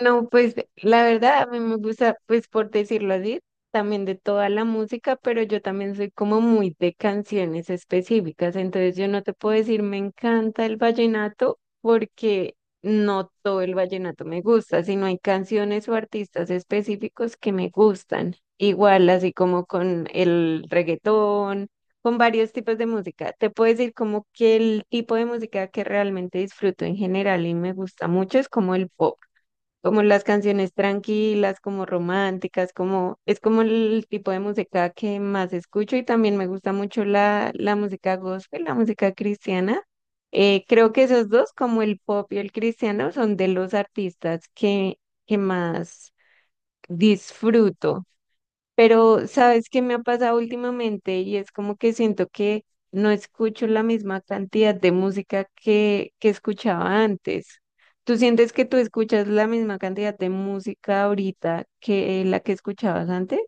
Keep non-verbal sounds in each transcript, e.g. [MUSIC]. No, pues la verdad, a mí me gusta, pues por decirlo así, también de toda la música, pero yo también soy como muy de canciones específicas. Entonces yo no te puedo decir me encanta el vallenato porque no todo el vallenato me gusta, sino hay canciones o artistas específicos que me gustan, igual así como con el reggaetón, con varios tipos de música. Te puedo decir como que el tipo de música que realmente disfruto en general y me gusta mucho es como el pop, como las canciones tranquilas, como románticas, como es como el tipo de música que más escucho. Y también me gusta mucho la música gospel, la música cristiana. Creo que esos dos, como el pop y el cristiano, son de los artistas que más disfruto. Pero, ¿sabes qué me ha pasado últimamente? Y es como que siento que no escucho la misma cantidad de música que escuchaba antes. ¿Tú sientes que tú escuchas la misma cantidad de música ahorita que la que escuchabas antes?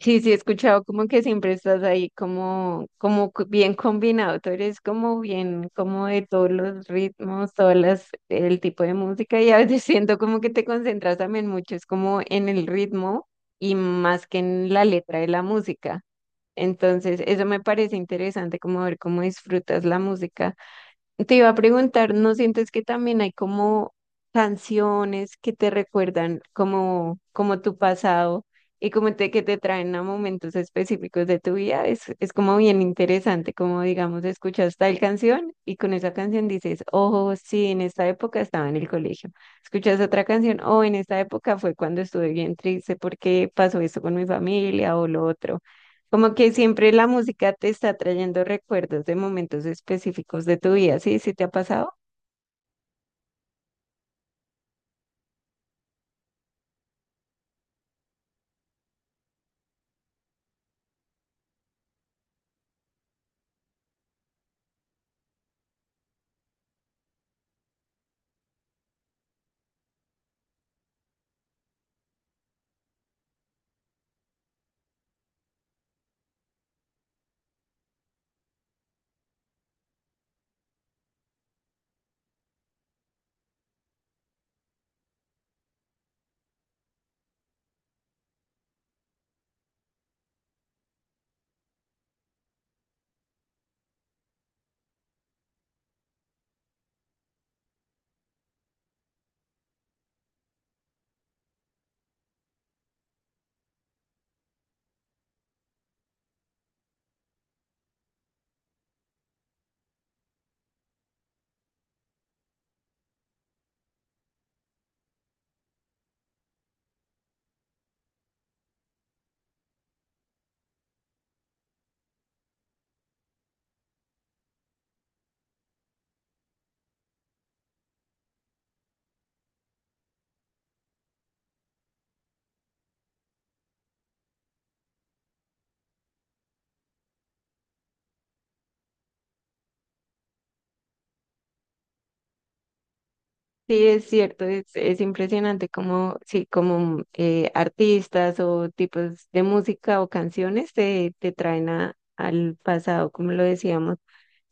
Sí, sí, he escuchado como que siempre estás ahí como, bien combinado. Tú eres como bien, como de todos los ritmos, todas las, el tipo de música, y a veces [LAUGHS] siento como que te concentras también mucho, es como en el ritmo y más que en la letra de la música. Entonces, eso me parece interesante, como ver cómo disfrutas la música. Te iba a preguntar, ¿no sientes que también hay como canciones que te recuerdan como, como tu pasado y como que te traen a momentos específicos de tu vida? Es como bien interesante, como digamos, escuchas tal canción y con esa canción dices, oh, sí, en esta época estaba en el colegio. Escuchas otra canción, oh, en esta época fue cuando estuve bien triste porque pasó esto con mi familia o lo otro. Como que siempre la música te está trayendo recuerdos de momentos específicos de tu vida, ¿sí? ¿Sí te ha pasado? Sí, es cierto, es impresionante como, sí, como artistas o tipos de música o canciones te traen al pasado, como lo decíamos.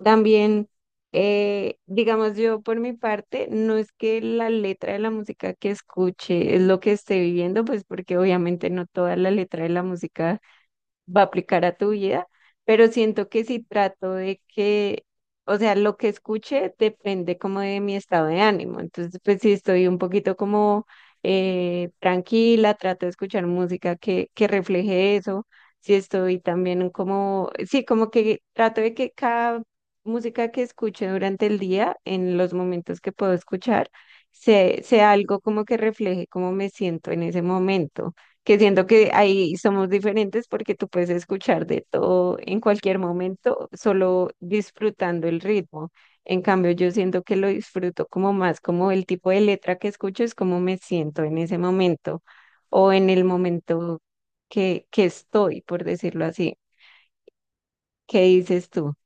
También, digamos yo por mi parte, no es que la letra de la música que escuche es lo que esté viviendo, pues porque obviamente no toda la letra de la música va a aplicar a tu vida, pero siento que si trato de que, o sea, lo que escuche depende como de mi estado de ánimo. Entonces, pues si estoy un poquito como tranquila, trato de escuchar música que refleje eso. Si estoy también como, sí, como que trato de que cada música que escuche durante el día, en los momentos que puedo escuchar, sea algo como que refleje cómo me siento en ese momento, que siento que ahí somos diferentes porque tú puedes escuchar de todo en cualquier momento, solo disfrutando el ritmo. En cambio, yo siento que lo disfruto como más, como el tipo de letra que escucho es como me siento en ese momento o en el momento que estoy, por decirlo así. ¿Qué dices tú?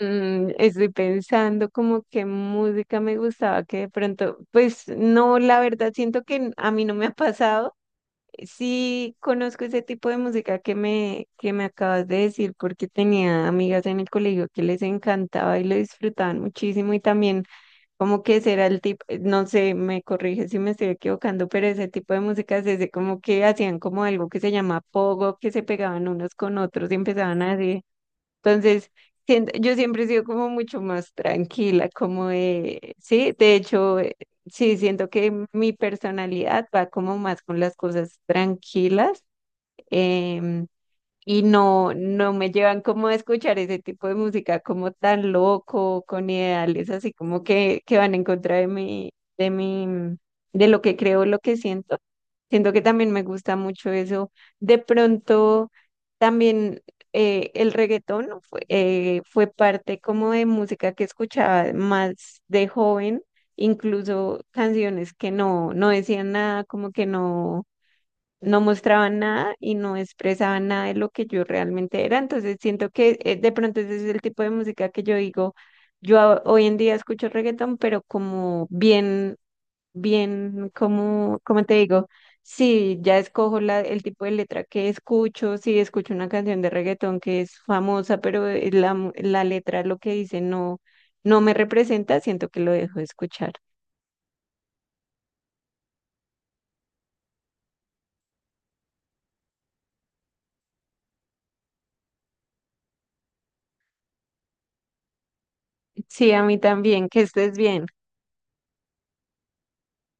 Estoy pensando como qué música me gustaba, que de pronto, pues no, la verdad siento que a mí no me ha pasado. Sí, conozco ese tipo de música que me acabas de decir porque tenía amigas en el colegio que les encantaba y lo disfrutaban muchísimo. Y también como que ese era el tipo, no sé, me corrige si me estoy equivocando, pero ese tipo de música es ese, como que hacían como algo que se llama pogo, que se pegaban unos con otros y empezaban así. Entonces, yo siempre he sido como mucho más tranquila, como de, sí, de hecho, sí, siento que mi personalidad va como más con las cosas tranquilas. em, y no, no me llevan como a escuchar ese tipo de música como tan loco, con ideales así como que van en contra de mi, de lo que creo, lo que siento. Siento que también me gusta mucho eso. De pronto, también el reggaetón fue parte como de música que escuchaba más de joven, incluso canciones que no, no decían nada, como que no mostraban nada y no expresaban nada de lo que yo realmente era. Entonces siento que de pronto ese es el tipo de música que yo digo, yo hoy en día escucho reggaetón, pero como bien, bien, como, ¿cómo te digo? Sí, ya escojo el tipo de letra que escucho. Si escucho una canción de reggaetón que es famosa, pero la letra lo que dice no, no me representa, siento que lo dejo de escuchar. Sí, a mí también, que estés bien.